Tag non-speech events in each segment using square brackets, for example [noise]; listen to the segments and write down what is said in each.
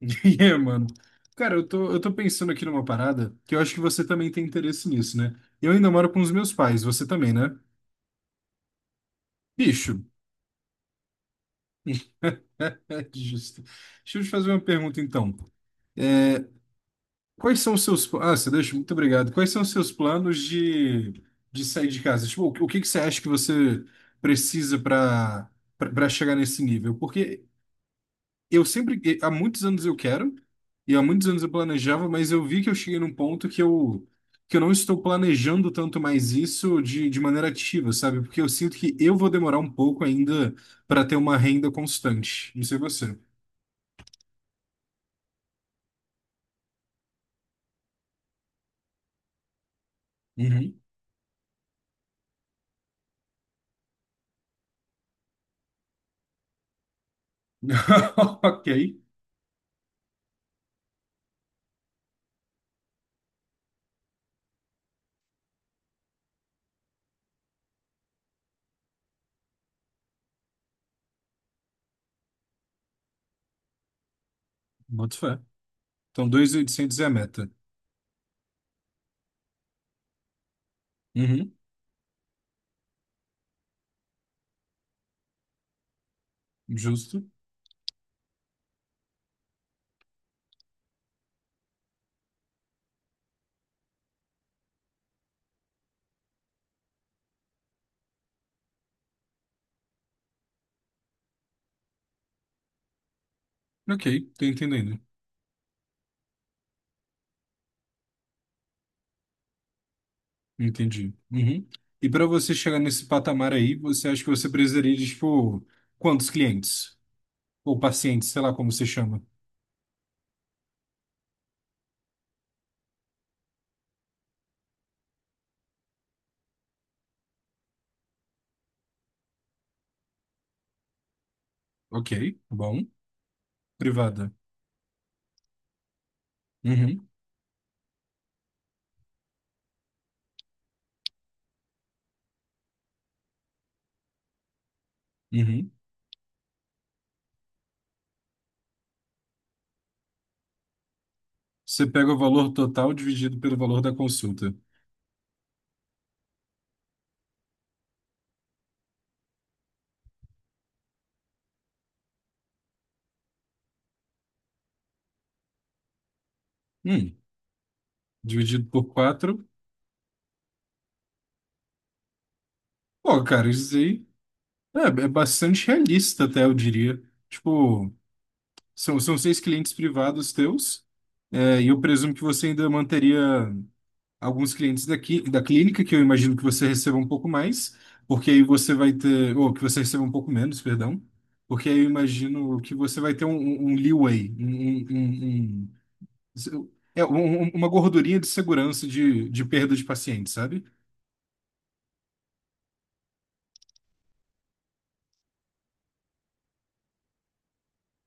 [laughs] É, mano. Cara, eu tô pensando aqui numa parada que eu acho que você também tem interesse nisso, né? Eu ainda moro com os meus pais, você também, né? Bicho, [laughs] é justo. Deixa eu te fazer uma pergunta, então. É, Quais são os seus... Ah, você deixa? Muito obrigado. Quais são os seus planos de sair de casa? Tipo, o que que você acha que você precisa para chegar nesse nível? Porque há muitos anos eu quero, e há muitos anos eu planejava, mas eu vi que eu cheguei num ponto que eu não estou planejando tanto mais isso de maneira ativa, sabe? Porque eu sinto que eu vou demorar um pouco ainda para ter uma renda constante. Não sei você. Uhum. [laughs] Ok. Boto fé. Então, 2.800 é a meta. Uhum. Justo. Ok, tô entendendo. Entendi. Uhum. E para você chegar nesse patamar aí, você acha que você precisaria de, tipo, quantos clientes? Ou paciente, sei lá como se chama. Ok, bom. Privada. Uhum, uhum. Você pega o valor total dividido pelo valor da consulta. Hum, dividido por quatro. Pô, cara, isso aí é bastante realista, até eu diria. Tipo, são seis clientes privados teus, e eu presumo que você ainda manteria. Alguns clientes daqui, da clínica, que eu imagino que você receba um pouco mais, porque aí você vai ter, ou que você receba um pouco menos, perdão, porque aí eu imagino que você vai ter um leeway, um- uma gordurinha de segurança de perda de paciente, sabe?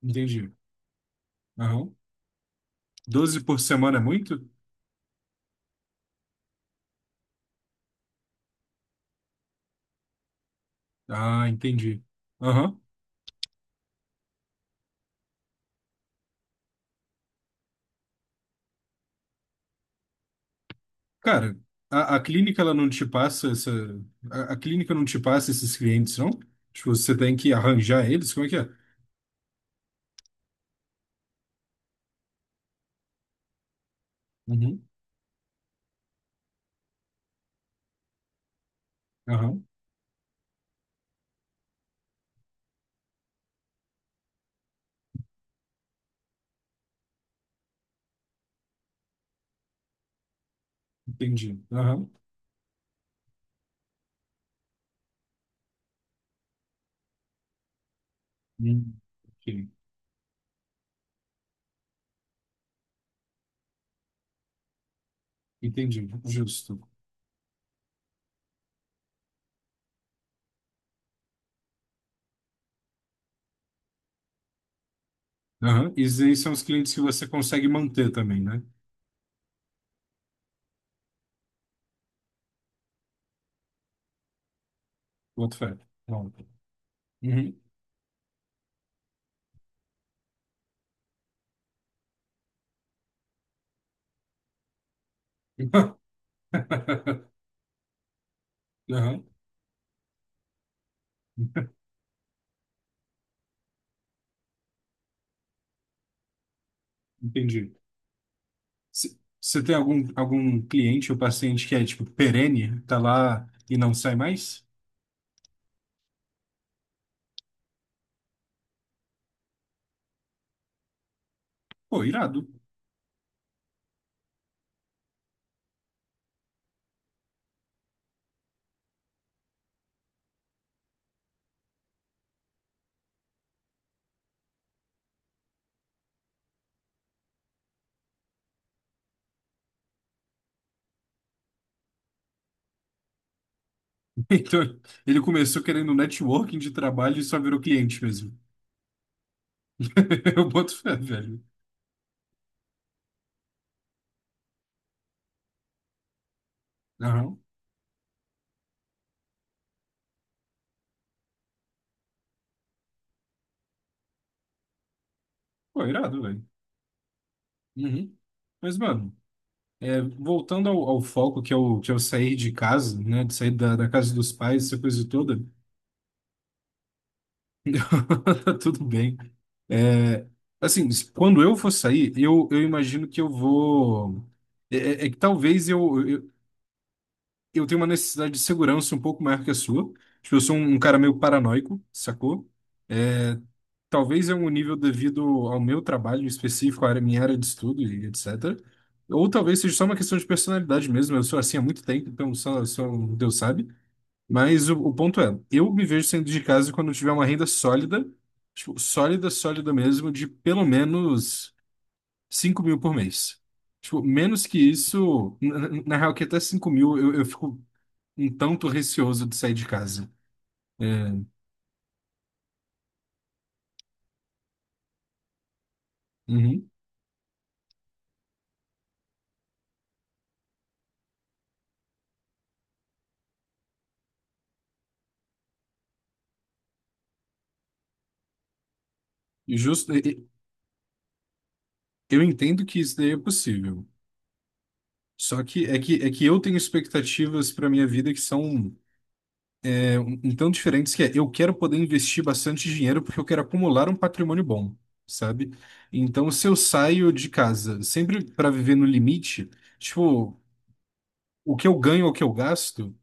Entendi. Aham. 12 por semana é muito? Ah, entendi. Aham. Cara, a clínica ela não te passa essa. A clínica não te passa esses clientes, não? Tipo, você tem que arranjar eles? Como é que é? Uhum. Aham. Entendi. Aham. Hum, ok. Entendi. Justo. Aham. E esses aí são os clientes que você consegue manter também, né? Boto fé. Bom. Uhum. [laughs] Aham. Entendi. Você tem algum cliente ou paciente que é, tipo, perene, tá lá e não sai mais? Pô, irado. [laughs] Então, ele começou querendo networking de trabalho e só virou cliente mesmo. [laughs] Eu boto fé, velho. Aham. Pô, irado, velho. Uhum. Mas, mano. Voltando ao foco que é o que é sair de casa, né, de sair da casa dos pais, essa coisa toda, [laughs] tá tudo bem. É, assim, quando eu for sair, eu imagino que eu vou. É que talvez eu tenha uma necessidade de segurança um pouco maior que a sua. Tipo, eu sou um cara meio paranoico, sacou? É, Talvez é um nível devido ao meu trabalho específico, minha área de estudo e etc. Ou talvez seja só uma questão de personalidade mesmo. Eu sou assim há muito tempo, então só Deus sabe. Mas o ponto é, eu me vejo saindo de casa quando eu tiver uma renda sólida, tipo, sólida, sólida mesmo, de pelo menos 5.000 por mês. Tipo, menos que isso, na real que até 5.000 eu fico um tanto receoso de sair de casa. Uhum. E justo, eu entendo que isso daí é possível. Só que é que eu tenho expectativas para minha vida que são então, diferentes que é, eu quero poder investir bastante dinheiro porque eu quero acumular um patrimônio bom, sabe? Então, se eu saio de casa sempre para viver no limite, tipo, o que eu ganho ou o que eu gasto,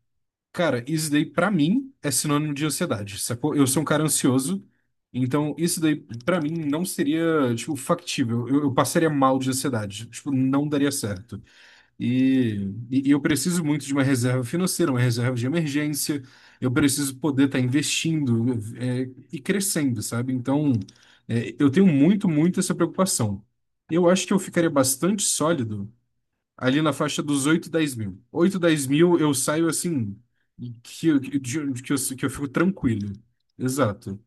cara, isso daí pra mim é sinônimo de ansiedade, sacou? Eu sou um cara ansioso, então isso daí pra mim não seria, tipo, factível. Eu passaria mal de ansiedade, tipo, não daria certo. E eu preciso muito de uma reserva financeira, uma reserva de emergência. Eu preciso poder estar investindo, e crescendo, sabe? Então, eu tenho muito, muito essa preocupação. Eu acho que eu ficaria bastante sólido ali na faixa dos 8 10 mil. 8 10 mil eu saio assim, que eu fico tranquilo. Exato.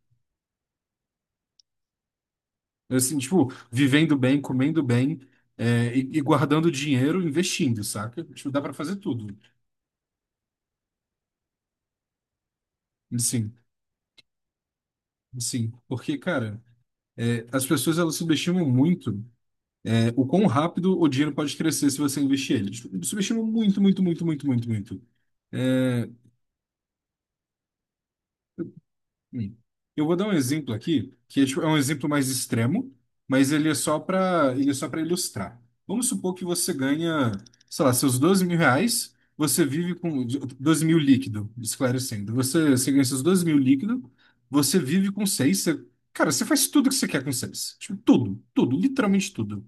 Assim, tipo, vivendo bem, comendo bem, e guardando dinheiro, investindo, saca? Tipo, dá para fazer tudo. Sim. Sim, porque, cara, as pessoas elas subestimam muito o quão rápido o dinheiro pode crescer se você investir ele. Tipo, subestimam muito, muito, muito, muito, muito, muito. É, hum. Eu vou dar um exemplo aqui, que é um exemplo mais extremo, mas ele é só para ilustrar. Vamos supor que você ganha, sei lá, seus 12.000 reais, você vive com 12.000 líquido, esclarecendo. Você ganha seus 12.000 líquido, você vive com seis. Cara, você faz tudo que você quer com seis. Tipo, tudo, tudo, literalmente tudo.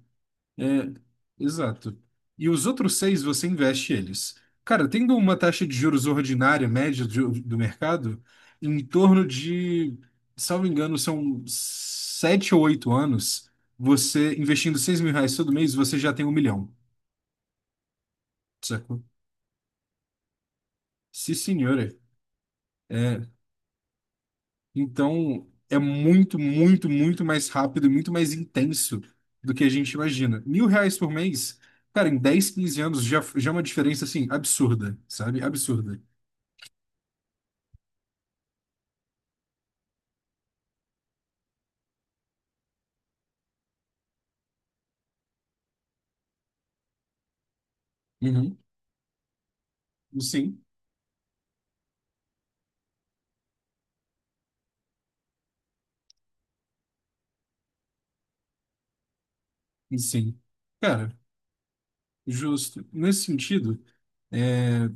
Exato. E os outros seis você investe eles. Cara, tendo uma taxa de juros ordinária, média do mercado, em torno de, salvo engano, são 7 ou 8 anos, você investindo 6.000 reais todo mês, você já tem um milhão, sacou? Sim, senhora. É, É, então, é muito, muito, muito mais rápido e muito mais intenso do que a gente imagina. 1.000 reais por mês, cara, em 10 15 anos já é uma diferença, assim, absurda, sabe? Absurda. Uhum. Sim, sim. Cara, justo. Nesse sentido, é,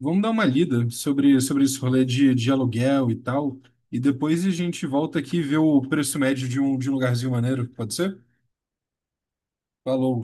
vamos dar uma lida sobre esse rolê de aluguel e tal, e depois a gente volta aqui e vê o preço médio de um lugarzinho maneiro, pode ser? Falou.